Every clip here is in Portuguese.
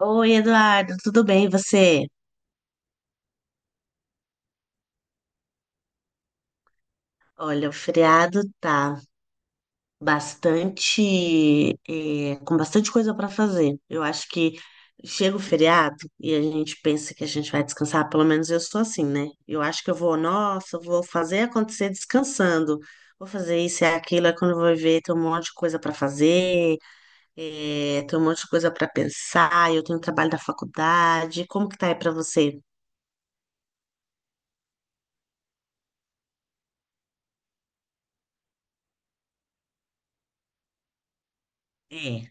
Oi, Eduardo, tudo bem, e você? Olha, o feriado tá com bastante coisa para fazer. Eu acho que chega o feriado e a gente pensa que a gente vai descansar, pelo menos eu sou assim, né? Eu acho que nossa, eu vou fazer acontecer descansando. Vou fazer isso e aquilo, é quando eu vou ver, tem um monte de coisa para fazer, tem um monte de coisa para pensar, eu tenho trabalho da faculdade. Como que tá aí para você? É.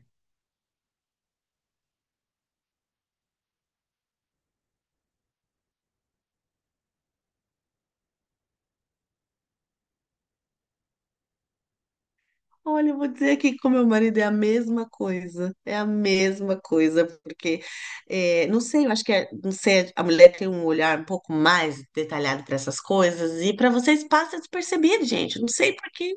Olha, eu vou dizer aqui que com meu marido é a mesma coisa, é a mesma coisa, porque, não sei, eu acho não sei, a mulher tem um olhar um pouco mais detalhado para essas coisas, e para vocês passa despercebido, gente, não sei por quê.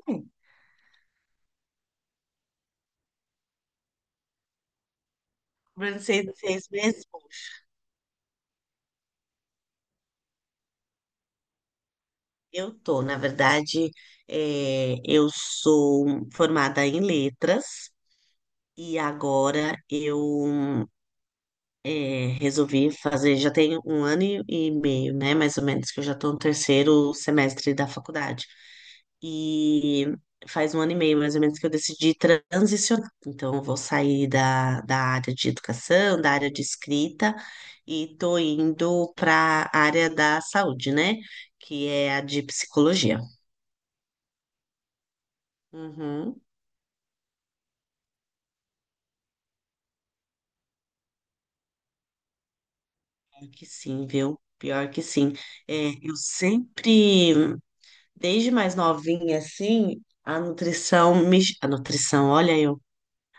Durante seis meses, eu tô, na verdade, eu sou formada em letras, e agora eu resolvi fazer, já tem um ano e meio, né, mais ou menos, que eu já estou no terceiro semestre da faculdade. E faz um ano e meio, mais ou menos, que eu decidi transicionar. Então, eu vou sair da área de educação, da área de escrita, e estou indo para a área da saúde, né, que é a de psicologia. Uhum, pior que sim, viu? Pior que sim. É, eu sempre. Desde mais novinha, assim, a nutrição me... A nutrição, olha, eu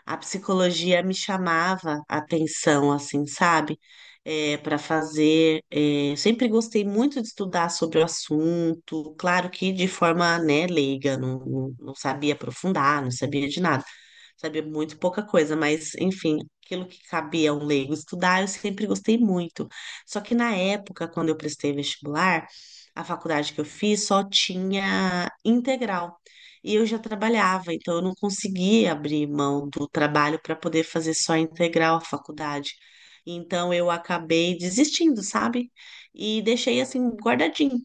a psicologia me chamava a atenção, assim, sabe? É, para fazer. Sempre gostei muito de estudar sobre o assunto, claro que de forma, né, leiga, não, não, não sabia aprofundar, não sabia de nada, sabia muito pouca coisa, mas, enfim, aquilo que cabia a um leigo estudar, eu sempre gostei muito. Só que na época, quando eu prestei vestibular, a faculdade que eu fiz só tinha integral. E eu já trabalhava, então eu não conseguia abrir mão do trabalho para poder fazer só integral a faculdade. Então eu acabei desistindo, sabe? E deixei assim guardadinho.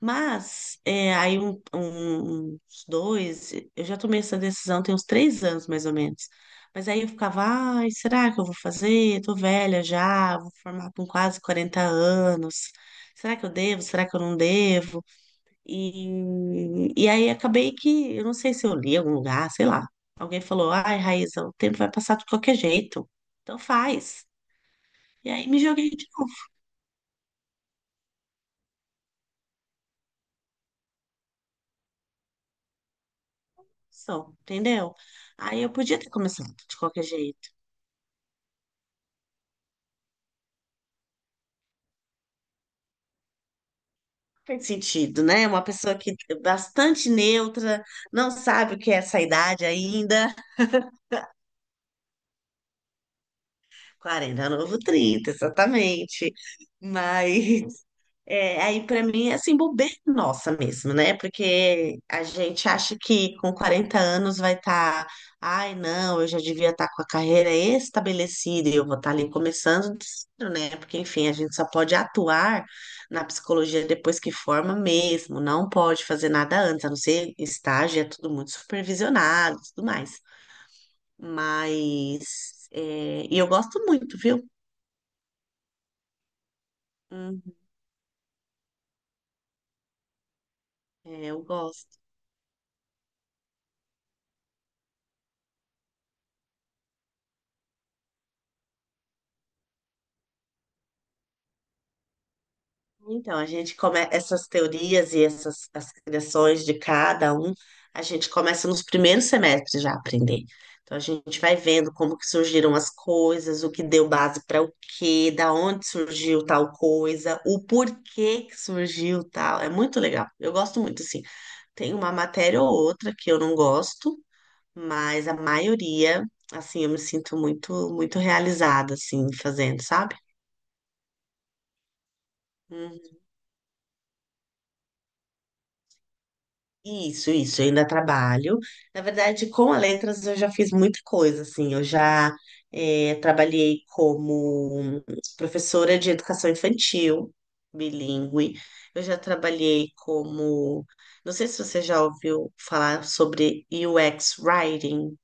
Mas aí eu já tomei essa decisão tem uns 3 anos, mais ou menos. Mas aí eu ficava, ai, será que eu vou fazer? Eu tô velha já, vou formar com quase 40 anos. Será que eu devo? Será que eu não devo? E aí acabei que, eu não sei se eu li em algum lugar, sei lá. Alguém falou, ai, Raíssa, o tempo vai passar de qualquer jeito. Então faz. E aí me joguei de novo, só, entendeu? Aí eu podia ter começado de qualquer jeito. Faz sentido, né? Uma pessoa que é bastante neutra não sabe o que é essa idade ainda. 40 é o novo 30, exatamente. Mas aí para mim é assim, bobeira nossa mesmo, né? Porque a gente acha que com 40 anos vai estar, ai, não, eu já devia estar com a carreira estabelecida e eu vou estar ali começando do zero, né? Porque, enfim, a gente só pode atuar na psicologia depois que forma mesmo, não pode fazer nada antes, a não ser estágio, é tudo muito supervisionado e tudo mais. Mas, e eu gosto muito, viu? Hum, é, eu gosto. Então, a gente começa essas teorias e essas as criações de cada um, a gente começa nos primeiros semestres já a aprender. Então, a gente vai vendo como que surgiram as coisas, o que deu base para o quê, da onde surgiu tal coisa, o porquê que surgiu tal. É muito legal. Eu gosto muito, assim. Tem uma matéria ou outra que eu não gosto, mas a maioria, assim, eu me sinto muito, muito realizada, assim, fazendo, sabe? Isso, eu ainda trabalho. Na verdade, com a Letras eu já fiz muita coisa, assim, eu já trabalhei como professora de educação infantil, bilíngue. Eu já trabalhei como, não sei se você já ouviu falar sobre UX Writing,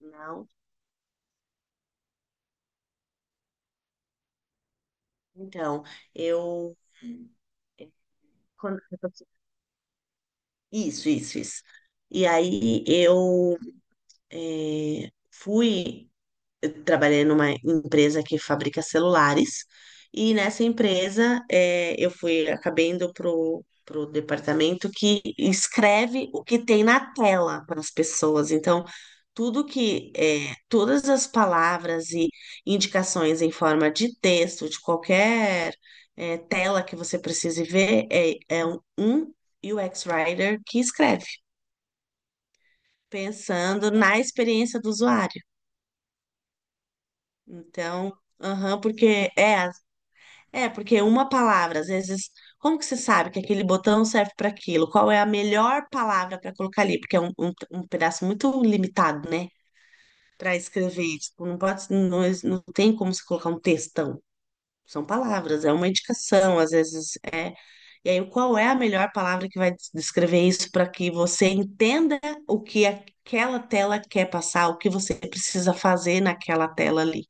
não? Então, eu... quando- Isso, isso, isso. E aí eu eh, fui eu trabalhei numa empresa que fabrica celulares e nessa empresa, eu fui acabei indo pro departamento que escreve o que tem na tela para as pessoas. Então, todas as palavras e indicações em forma de texto de qualquer tela que você precise ver é um UX Writer que escreve, pensando na experiência do usuário. Então, aham, porque é É, porque uma palavra, às vezes, como que você sabe que aquele botão serve para aquilo? Qual é a melhor palavra para colocar ali? Porque é um pedaço muito limitado, né? Para escrever. Tipo, não pode, não, não tem como se colocar um textão. São palavras, é uma indicação, às vezes é. E aí, qual é a melhor palavra que vai descrever isso para que você entenda o que aquela tela quer passar, o que você precisa fazer naquela tela ali?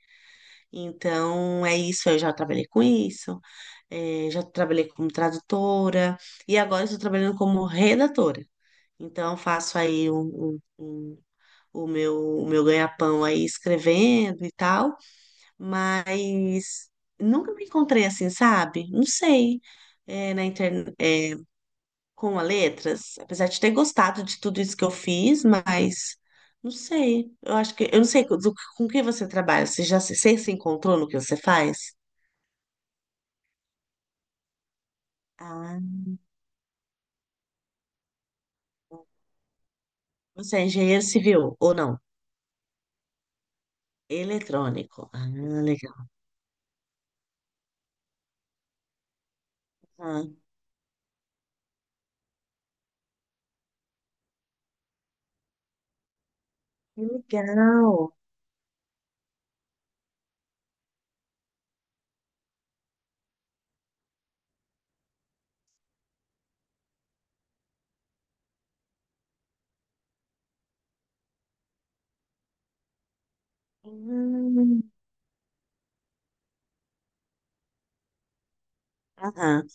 Então, é isso, eu já trabalhei com isso, já trabalhei como tradutora e agora estou trabalhando como redatora. Então, faço aí o meu ganha-pão aí escrevendo e tal, mas nunca me encontrei assim, sabe? Não sei, na internet, com a letras, apesar de ter gostado de tudo isso que eu fiz, mas não sei, eu não sei com que você trabalha, você se encontrou no que você faz? Ah, você é engenheiro civil ou não? Eletrônico. Ah, legal. Ah, que legal. Hum, Aham,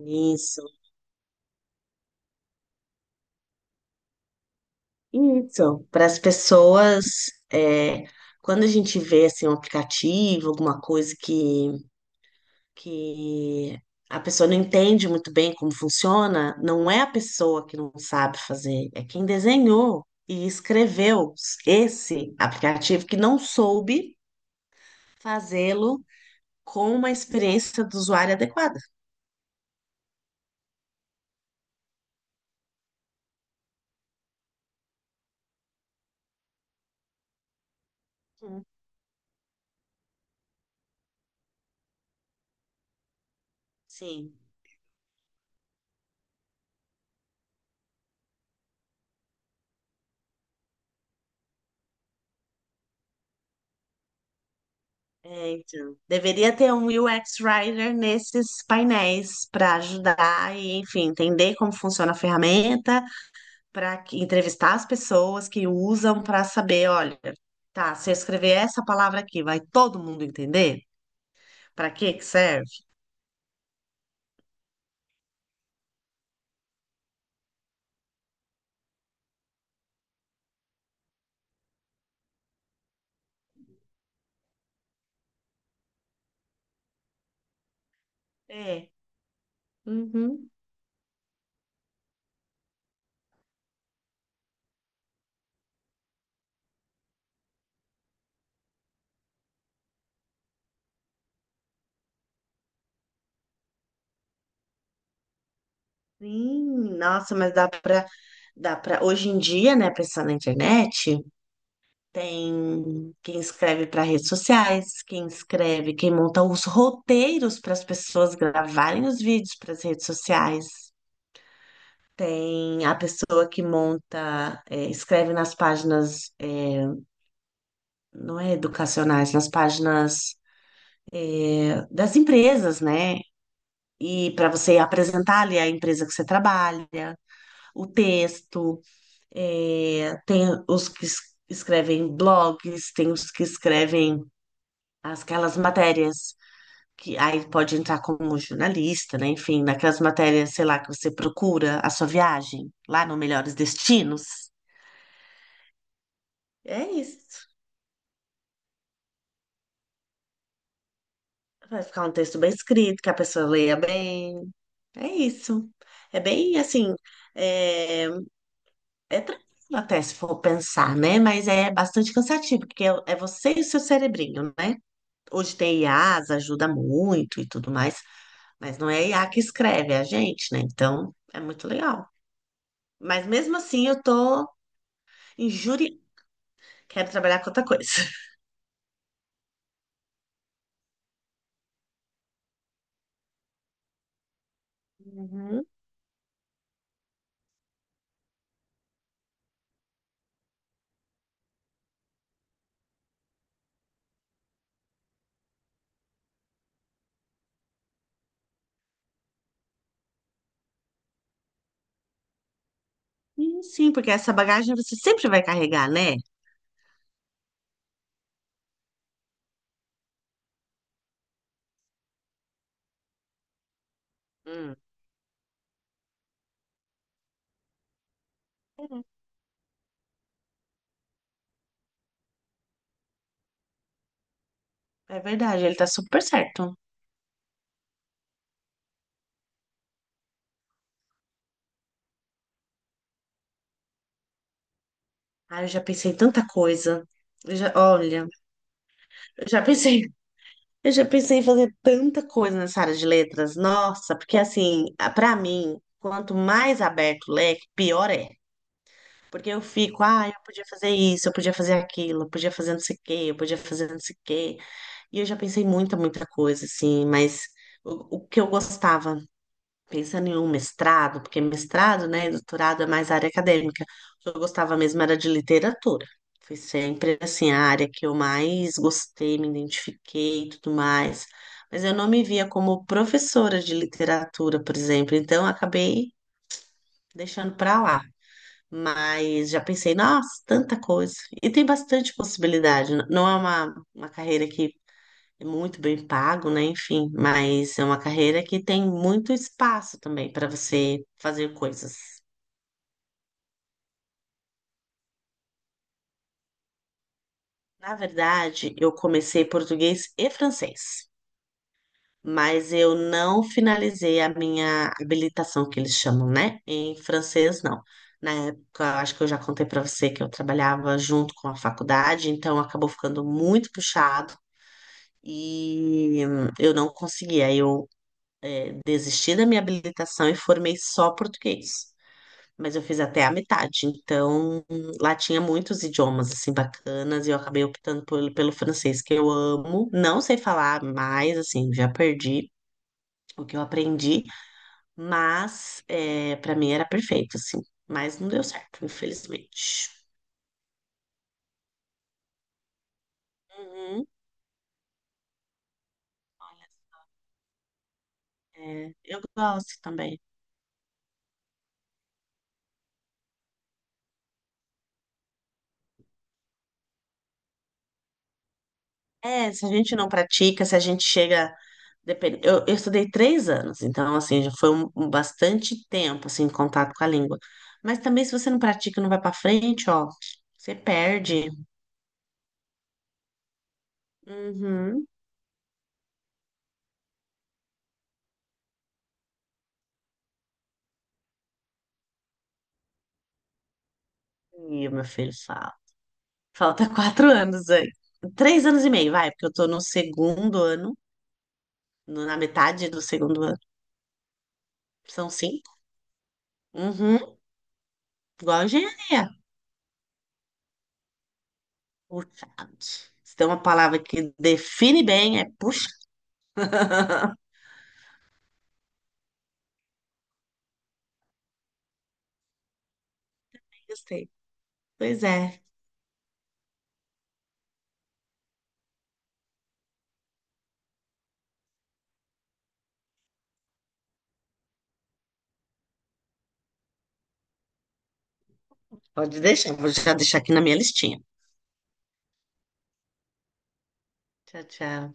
isso. Isso. Para as pessoas, é, quando a gente vê assim, um aplicativo, alguma coisa que a pessoa não entende muito bem como funciona, não é a pessoa que não sabe fazer, é quem desenhou e escreveu esse aplicativo que não soube fazê-lo com uma experiência do usuário adequada. Hum, Sim, é, então, deveria ter um UX Writer nesses painéis para ajudar e, enfim, entender como funciona a ferramenta, para entrevistar as pessoas que usam para saber, olha, tá, se eu escrever essa palavra aqui, vai todo mundo entender? Para que que serve? É, uhum. Sim, nossa, mas dá para hoje em dia, né, pensando na internet, tem quem escreve para redes sociais, quem monta os roteiros para as pessoas gravarem os vídeos para as redes sociais. Tem a pessoa que escreve nas páginas, não é educacionais, nas páginas, das empresas, né? E para você apresentar ali a empresa que você trabalha, o texto, tem os que escrevem blogs, tem os que escrevem aquelas matérias que aí pode entrar como jornalista, né? Enfim, naquelas matérias, sei lá, que você procura a sua viagem lá no Melhores Destinos. É isso. Vai ficar um texto bem escrito, que a pessoa leia bem. É isso. É bem assim, é, é, tranquilo até se for pensar, né? Mas é bastante cansativo, porque é você e o seu cerebrinho, né? Hoje tem IAs, ajuda muito e tudo mais, mas não é I a IA que escreve, é a gente, né? Então, é muito legal. Mas mesmo assim, eu tô injúria. Quero trabalhar com outra coisa. Uhum. Sim, porque essa bagagem você sempre vai carregar, né? Hum. É verdade, ele tá super certo. Ah, eu já pensei em tanta coisa. Olha, eu já pensei, eu já pensei em fazer tanta coisa nessa área de letras. Nossa, porque assim, pra mim, quanto mais aberto o leque, pior é. Porque eu fico, ah, eu podia fazer isso, eu podia fazer aquilo, eu podia fazer não sei o quê, eu podia fazer não sei o quê. E eu já pensei muita, muita coisa, assim, mas o que eu gostava, pensando em um mestrado, porque mestrado, né, e doutorado é mais área acadêmica, o que eu gostava mesmo era de literatura. Foi sempre, assim, a área que eu mais gostei, me identifiquei e tudo mais. Mas eu não me via como professora de literatura, por exemplo, então eu acabei deixando para lá. Mas já pensei, nossa, tanta coisa. E tem bastante possibilidade. Não é uma carreira que é muito bem pago, né? Enfim, mas é uma carreira que tem muito espaço também para você fazer coisas. Na verdade, eu comecei português e francês, mas eu não finalizei a minha habilitação, que eles chamam, né? Em francês, não. Na época, acho que eu já contei para você que eu trabalhava junto com a faculdade, então acabou ficando muito puxado. E, eu não consegui. Aí eu desisti da minha habilitação e formei só português. Mas eu fiz até a metade. Então, lá tinha muitos idiomas assim bacanas e eu acabei optando pelo francês, que eu amo. Não sei falar mais, assim, já perdi o que eu aprendi, mas para mim era perfeito, assim. Mas não deu certo, infelizmente. Uhum. É, eu gosto também. É, se a gente não pratica, se a gente chega. Depende. Eu estudei 3 anos, então, assim, já foi um bastante tempo, assim, em contato com a língua. Mas também, se você não pratica e não vai pra frente, ó, você perde. Uhum. E o meu filho fala. Falta 4 anos aí. 3 anos e meio, vai, porque eu tô no segundo ano, na metade do segundo ano. São cinco. Uhum. Igual a engenharia. Puxado. Se tem uma palavra que define bem, é puxa. Gostei. Pois é. Pode deixar, vou já deixar aqui na minha listinha. Tchau, tchau.